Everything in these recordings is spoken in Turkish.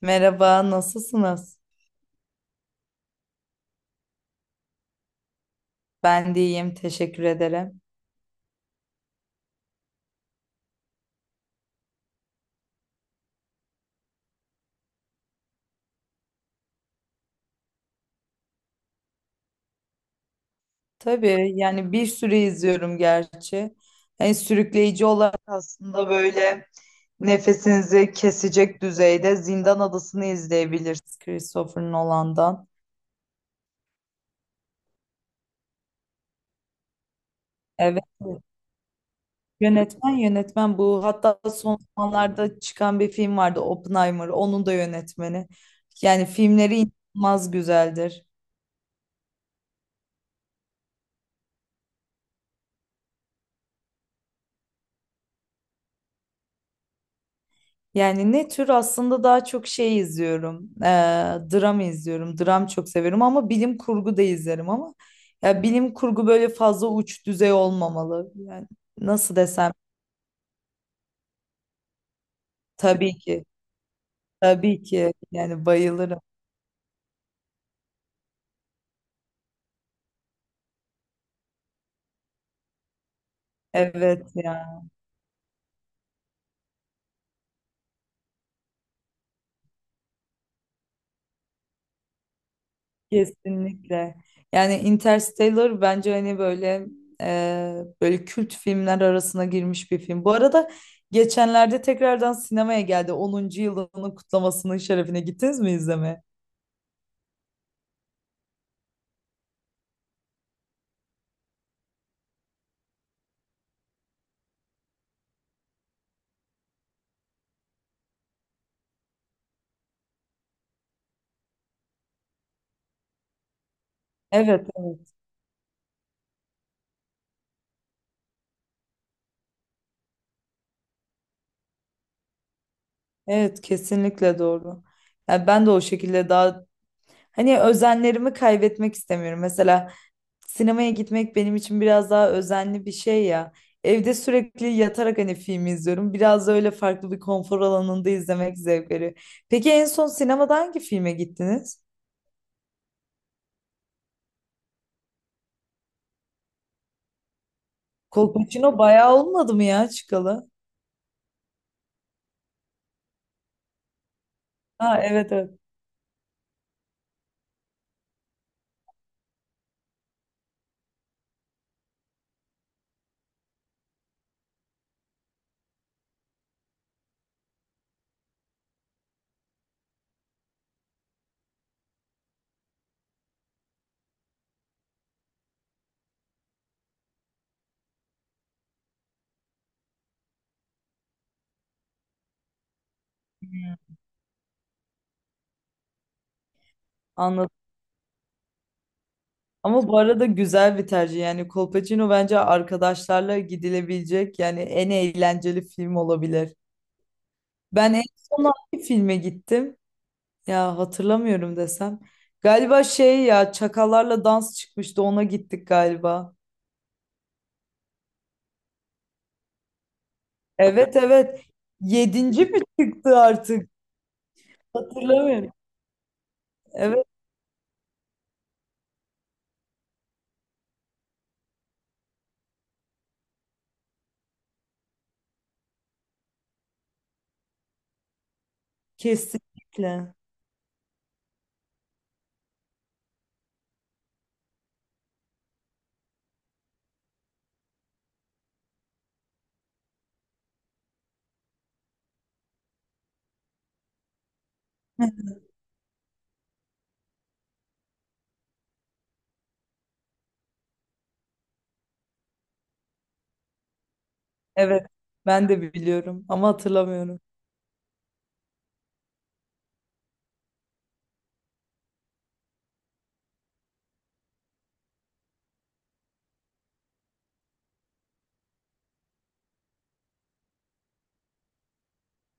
Merhaba, nasılsınız? Ben de iyiyim, teşekkür ederim. Tabii yani bir süre izliyorum gerçi. Yani sürükleyici olarak aslında böyle nefesinizi kesecek düzeyde Zindan Adası'nı izleyebilirsiniz Christopher Nolan'dan. Evet, yönetmen bu. Hatta son zamanlarda çıkan bir film vardı Oppenheimer, onun da yönetmeni. Yani filmleri inanılmaz güzeldir. Yani ne tür aslında daha çok şey izliyorum. Dram izliyorum. Dram çok severim ama bilim kurgu da izlerim ama ya bilim kurgu böyle fazla uç düzey olmamalı. Yani nasıl desem tabii ki. Tabii ki yani bayılırım. Evet ya, kesinlikle. Yani Interstellar bence hani böyle böyle kült filmler arasına girmiş bir film. Bu arada geçenlerde tekrardan sinemaya geldi. 10. yılının kutlamasının şerefine gittiniz mi izlemeye? Evet, evet. Evet, kesinlikle doğru. Yani ben de o şekilde daha hani özenlerimi kaybetmek istemiyorum. Mesela sinemaya gitmek benim için biraz daha özenli bir şey ya. Evde sürekli yatarak hani film izliyorum. Biraz da öyle farklı bir konfor alanında izlemek zevk veriyor. Peki en son sinemada hangi filme gittiniz? Kolpaçino bayağı olmadı mı ya çıkalı? Ha, evet evet. Anladım. Ama bu arada güzel bir tercih. Yani Kolpaçino bence arkadaşlarla gidilebilecek yani en eğlenceli film olabilir. Ben en son hangi filme gittim? Ya hatırlamıyorum desem. Galiba şey ya Çakallarla Dans çıkmıştı ona gittik galiba. Evet evet. Yedinci mi çıktı artık? Hatırlamıyorum. Evet, kesinlikle. Evet, ben de biliyorum ama hatırlamıyorum.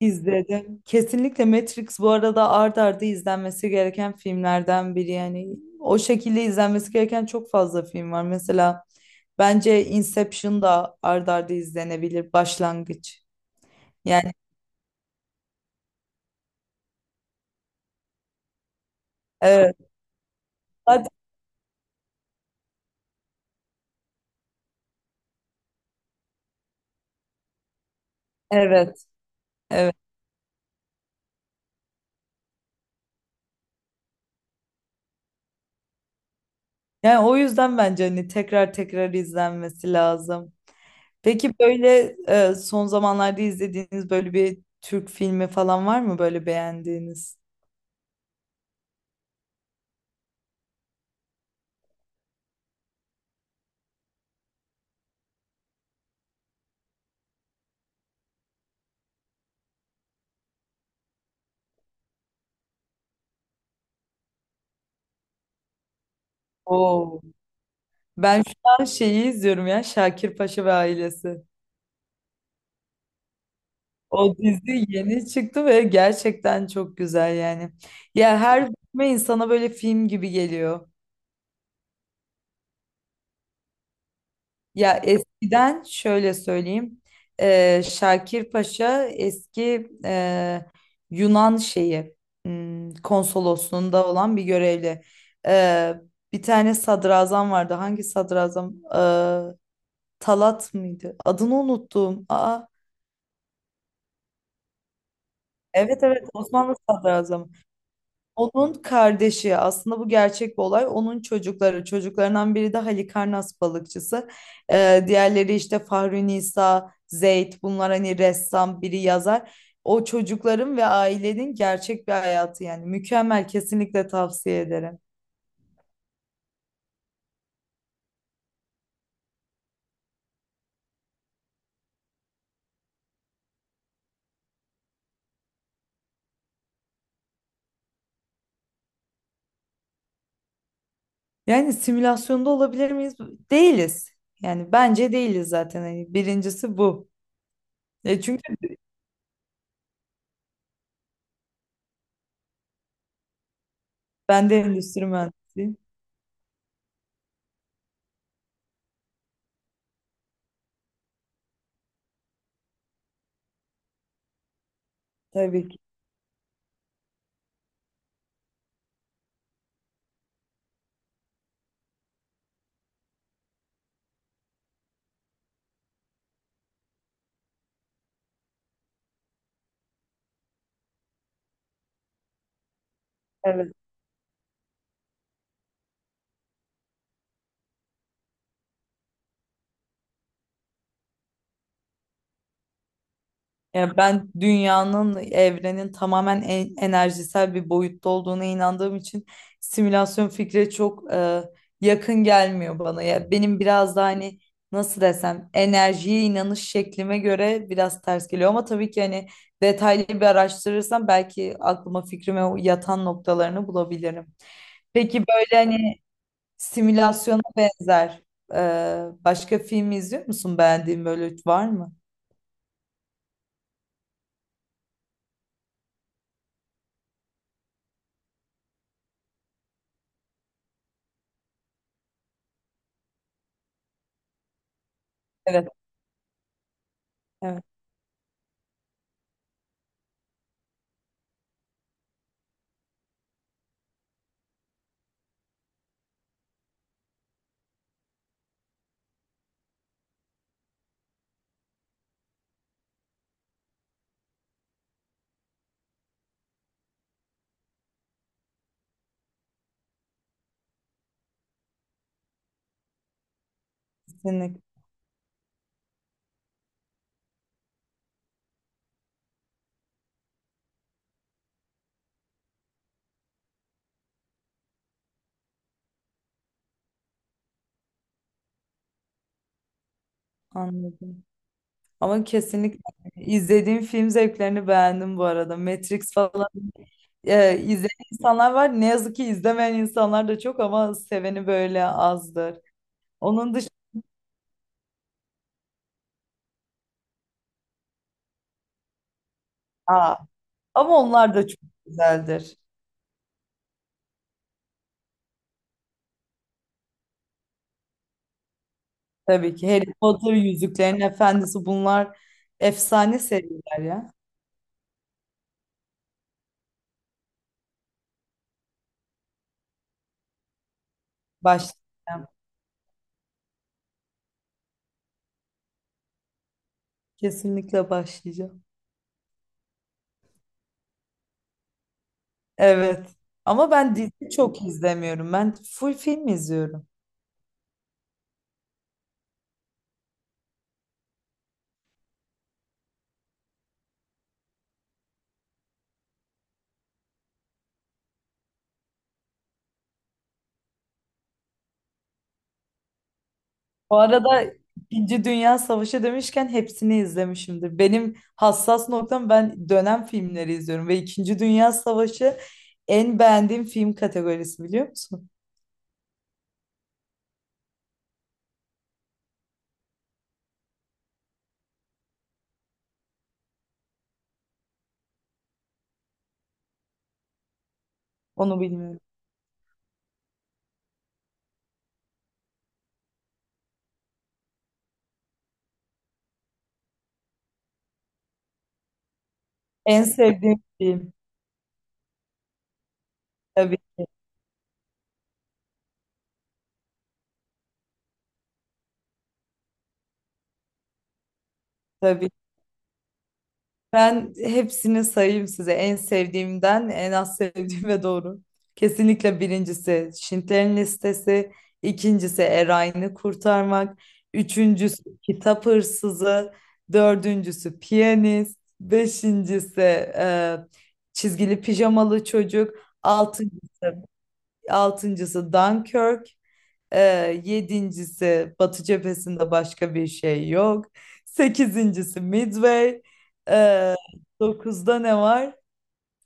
İzledim. Kesinlikle Matrix bu arada art arda izlenmesi gereken filmlerden biri yani. O şekilde izlenmesi gereken çok fazla film var. Mesela bence Inception da art arda izlenebilir başlangıç. Yani evet. Hadi. Evet. Evet. Yani o yüzden bence hani tekrar tekrar izlenmesi lazım. Peki böyle son zamanlarda izlediğiniz böyle bir Türk filmi falan var mı böyle beğendiğiniz? Oo. Ben şu an şeyi izliyorum ya, Şakir Paşa ve ailesi. O dizi yeni çıktı ve gerçekten çok güzel yani. Ya her bölüme insana böyle film gibi geliyor. Ya eskiden şöyle söyleyeyim. Şakir Paşa eski Yunan şeyi konsolosluğunda olan bir görevli. Eee, Bir tane sadrazam vardı. Hangi sadrazam? Talat mıydı? Adını unuttum. Aa. Evet evet, Osmanlı sadrazamı. Onun kardeşi aslında bu gerçek bir olay. Onun çocukları çocuklarından biri de Halikarnas balıkçısı. Diğerleri işte Fahri Nisa, Zeyd bunlar hani ressam biri yazar. O çocukların ve ailenin gerçek bir hayatı yani, mükemmel, kesinlikle tavsiye ederim. Yani simülasyonda olabilir miyiz? Değiliz. Yani bence değiliz zaten. Hani birincisi bu. Çünkü ben de endüstri mühendisiyim. Tabii ki. Evet. Yani ben dünyanın, evrenin tamamen enerjisel bir boyutta olduğuna inandığım için simülasyon fikri çok yakın gelmiyor bana. Ya benim biraz da hani nasıl desem enerjiye inanış şeklime göre biraz ters geliyor ama tabii ki hani detaylı bir araştırırsam belki aklıma, fikrime yatan noktalarını bulabilirim. Peki böyle hani simülasyona benzer e, başka film izliyor musun? Beğendiğin böyle var mı? Evet, evet, kesinlikle anladım. Ama kesinlikle izlediğim film zevklerini beğendim bu arada. Matrix falan izleyen insanlar var. Ne yazık ki izlemeyen insanlar da çok ama seveni böyle azdır. Onun dışında, Aa, ama onlar da çok güzeldir. Tabii ki Harry Potter, Yüzüklerin Efendisi bunlar efsane seriler ya. Başlayacağım. Kesinlikle başlayacağım. Evet. Ama ben dizi çok izlemiyorum. Ben full film izliyorum. Bu arada İkinci Dünya Savaşı demişken hepsini izlemişimdir. Benim hassas noktam, ben dönem filmleri izliyorum ve İkinci Dünya Savaşı en beğendiğim film kategorisi, biliyor musun? Onu bilmiyorum. En sevdiğim film. Tabii tabii. Ben hepsini sayayım size. En sevdiğimden en az sevdiğime doğru. Kesinlikle birincisi Schindler'in Listesi. İkincisi Erayn'ı Kurtarmak. Üçüncüsü Kitap Hırsızı. Dördüncüsü Piyanist. Beşincisi Çizgili Pijamalı Çocuk. Altıncısı, altıncısı Dunkirk. Yedincisi Batı cephesinde başka bir şey yok. Sekizincisi Midway. Ee, Dokuzda ne var?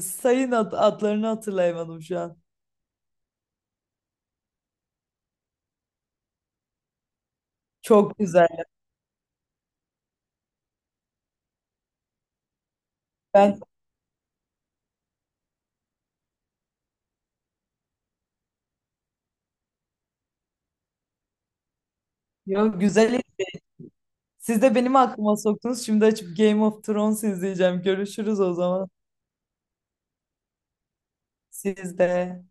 Sayın adlarını hatırlayamadım şu an. Çok güzel. Ben Yo, güzel. Siz de benim aklıma soktunuz. Şimdi açıp Game of Thrones izleyeceğim. Görüşürüz o zaman. Siz de.